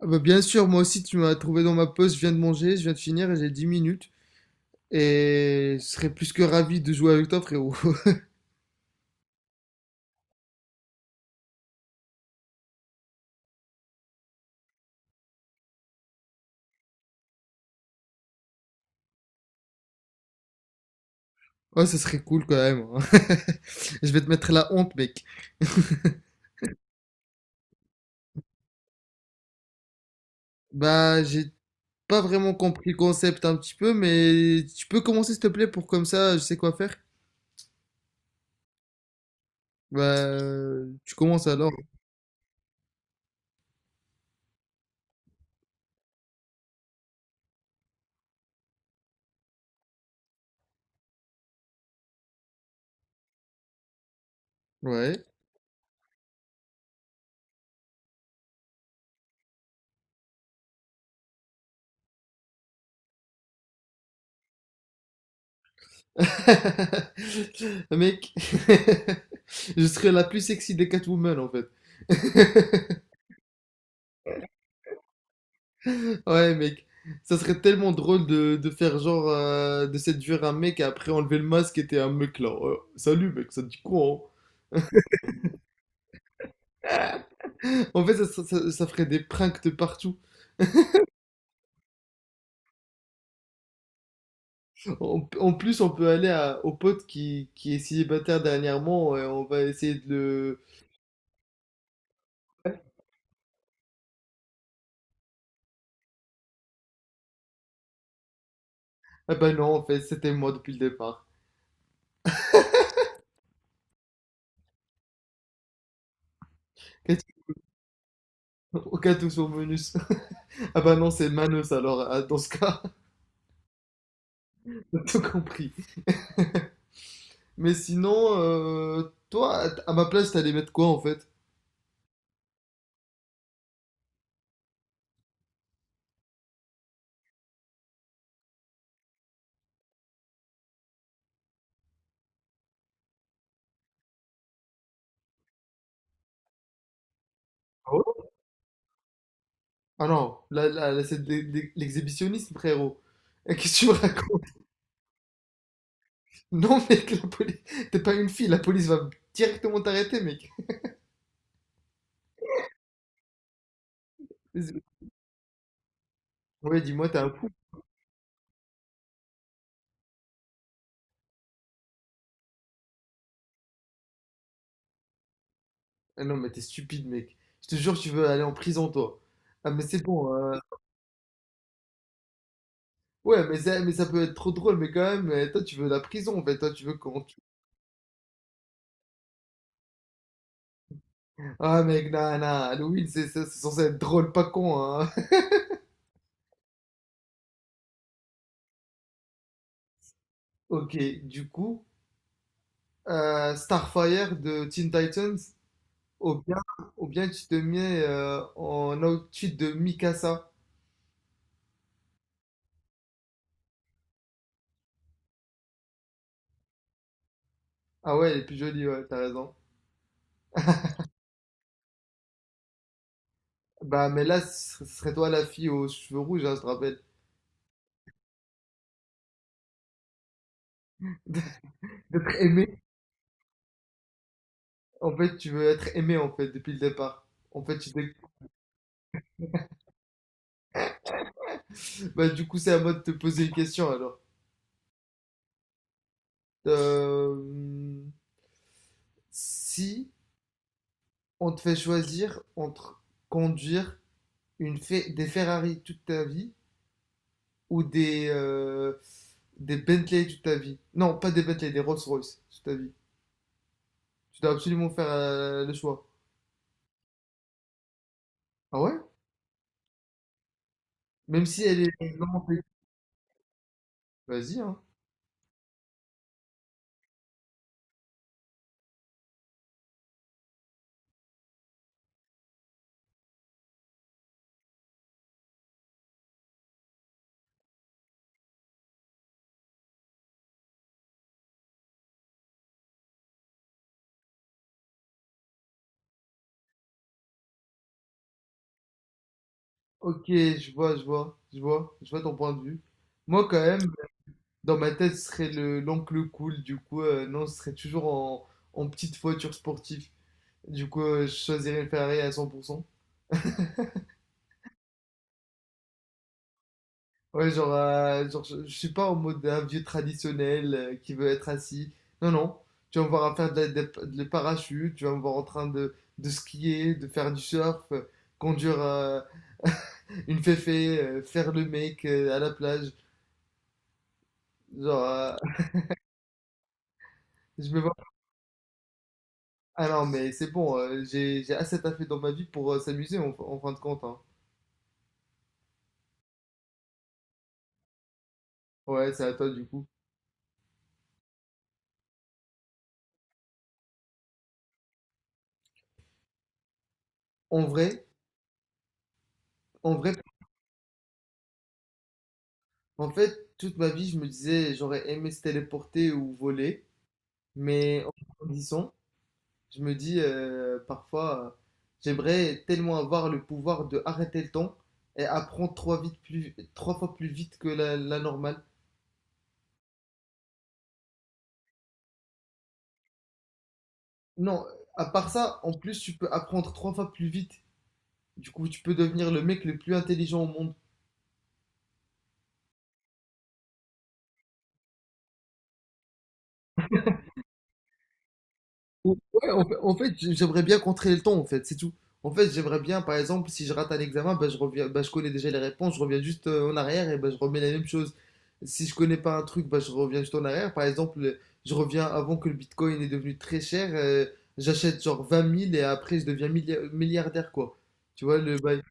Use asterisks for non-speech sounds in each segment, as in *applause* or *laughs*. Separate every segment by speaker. Speaker 1: Ah bah, bien sûr, moi aussi, tu m'as trouvé dans ma pause. Je viens de manger, je viens de finir et j'ai 10 minutes. Et je serais plus que ravi de jouer avec toi, frérot. *laughs* Ouais, ça serait cool quand même, hein. *laughs* Je vais te mettre la honte, mec. Bah, j'ai pas vraiment compris le concept un petit peu, mais tu peux commencer, s'il te plaît, pour comme ça, je sais quoi faire. Bah, tu commences alors. Ouais. *laughs* Mec, *laughs* je serais la plus sexy des Catwoman, en fait. Ouais, mec, ça serait tellement drôle de faire genre de séduire un mec et après enlever le masque et t'es un mec là. Salut mec, ça te dit quoi, hein. En fait, ça ferait des pranks de partout. En plus, on peut aller à, au pote qui est célibataire dernièrement et on va essayer de le. Ah bah non, en fait, c'était moi depuis le départ. Aucun tout sur bonus. *laughs* Ah bah non, c'est Manos alors, ah, dans ce cas, *laughs* t'as tout compris. *laughs* Mais sinon, toi, à ma place, t'allais mettre quoi en fait? Ah non, là, là, là, c'est de l'exhibitionnisme, frérot. Et qu'est-ce que tu me racontes? *laughs* Non, mec, la police... T'es pas une fille, la police va directement t'arrêter, mec. Ouais, dis-moi, t'es un fou. Ah non, mais t'es stupide, mec. Je te jure, tu veux aller en prison, toi. Ah, mais c'est bon. Ouais, mais ça peut être trop drôle, mais quand même, toi, tu veux la prison, en fait. Toi, tu veux qu'on... tue- Ah, mec, non, non, Halloween, c'est c'est censé être drôle, pas con, hein. *laughs* Ok, du coup, Starfire de Teen Titans. Ou bien, ou bien tu te mets en outfit de Mikasa. Ah ouais, elle est plus jolie, ouais, t'as raison. Bah, mais là, ce serait toi la fille aux cheveux rouges, hein, je te rappelle. *laughs* D'être aimée. En fait, tu veux être aimée, en fait, depuis le départ. En fait, tu t'es- bah, du coup, c'est à moi de te poser une question, alors. Euh, Si on te fait choisir entre conduire une des Ferrari toute ta vie ou des Bentley toute ta vie. Non, pas des Bentley, des Rolls-Royce toute ta vie. Tu dois absolument faire le choix. Ah ouais? Même si elle est vraiment flexible. Vas-y, hein. Ok, je vois, je vois, je vois, je vois ton point de vue. Moi, quand même, dans ma tête, ce serait le l'oncle cool. Du coup, non, ce serait toujours en petite voiture sportive. Du coup, je choisirais une Ferrari à 100%. Ouais, genre, genre je suis pas en mode un vieux traditionnel qui veut être assis. Non, non. Tu vas me voir à faire de la- de- le parachute, tu vas me voir en train de skier, de faire du surf, conduire une féfé, faire le mec à la plage. Genre, je me vois. Ah non, mais c'est bon, j'ai assez taffé dans ma vie pour s'amuser en fin de compte, hein. Ouais, c'est à toi du coup. En vrai, en vrai, en fait, toute ma vie, je me disais, j'aurais aimé se téléporter ou voler, mais en grandissant, je me dis parfois, j'aimerais tellement avoir le pouvoir de arrêter le temps et apprendre trois fois plus vite que la normale. Non, à part ça, en plus, tu peux apprendre trois fois plus vite. Du coup, tu peux devenir le mec le plus intelligent au monde. Ouais, en fait, j'aimerais bien contrer le temps, en fait, c'est tout. En fait, j'aimerais bien, par exemple, si je rate un examen, bah, je reviens, bah, je connais déjà les réponses, je reviens juste en arrière et bah, je remets la même chose. Si je connais pas un truc, bah, je reviens juste en arrière. Par exemple, je reviens avant que le Bitcoin est devenu très cher, j'achète genre 20 000 et après je deviens milliardaire, quoi. Tu vois, le bail.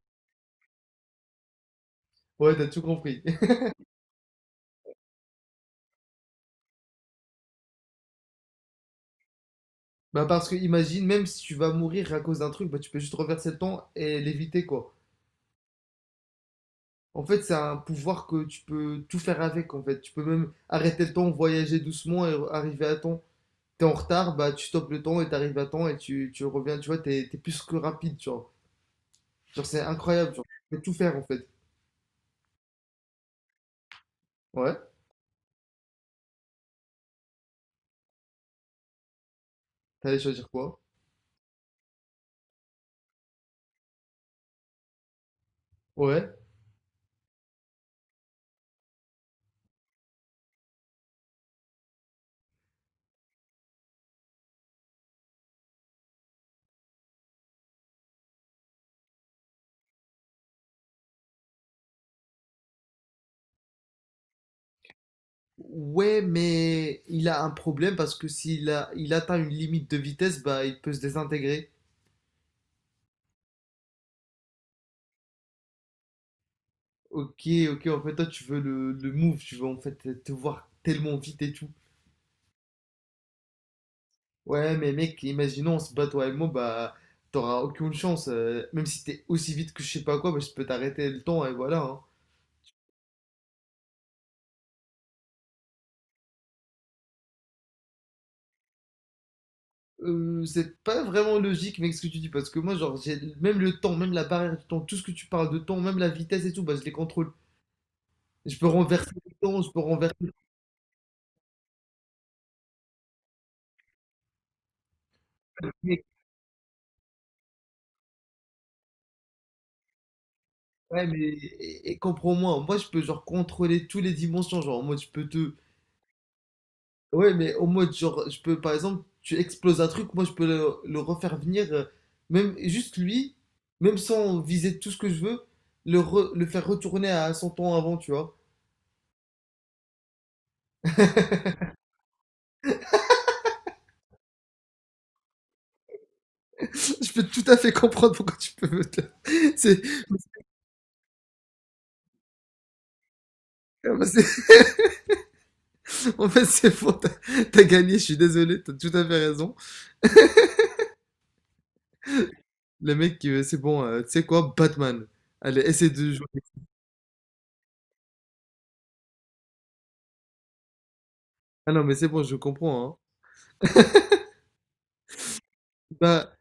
Speaker 1: Ouais, t'as tout compris. *laughs* Bah, parce que imagine, même si tu vas mourir à cause d'un truc, bah, tu peux juste reverser le temps et l'éviter, quoi. En fait, c'est un pouvoir que tu peux tout faire avec, en fait. Tu peux même arrêter le temps, voyager doucement et arriver à temps. T'es en retard, bah tu stoppes le temps et t'arrives à temps et tu reviens, tu vois, t'es plus que rapide, tu vois. Genre, c'est incroyable, genre. Tu peux tout faire, en fait. Ouais, t'allais choisir quoi? Ouais. Ouais, mais il a un problème parce que s'il a, il atteint une limite de vitesse, bah il peut se désintégrer. Ok, ok, en fait, toi, tu veux le move, tu veux en fait te voir tellement vite et tout. Ouais, mais mec, imaginons, on se bat toi et moi, bah, t'auras aucune chance. Même si t'es aussi vite que je sais pas quoi, bah, je peux t'arrêter le temps et voilà, hein. C'est pas vraiment logique, mec, ce que tu dis, parce que moi, genre, j'ai même le temps, même la barrière du temps, tout ce que tu parles de temps, même la vitesse et tout, bah, je les contrôle. Je peux renverser le temps, je peux renverser. Mec, ouais, mais et comprends-moi, moi, je peux, genre, contrôler toutes les dimensions, genre, moi, je peux te. Ouais, mais au mode, genre, je peux, par exemple, tu exploses un truc, moi, je peux le refaire venir, même juste lui, même sans viser tout ce que je veux, le faire retourner à son temps avant, tu vois. *laughs* Je peux tout à fait comprendre pourquoi tu peux. *laughs* C'est, c'est- En fait, c'est faux, t'as gagné, je suis désolé, t'as tout à fait raison. Le mec, c'est bon, tu sais quoi, Batman. Allez, essaie de jouer. Ah non, mais c'est bon, je comprends, hein. Bah,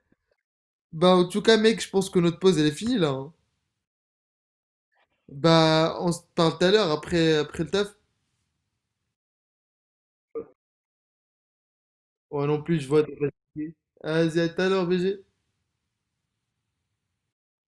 Speaker 1: bah, en tout cas, mec, je pense que notre pause, elle est finie, là, hein. Bah, on se parle tout à l'heure après, après le taf. Ouais, non plus, je vois. Des- Vas-y, à tout à l'heure, BG.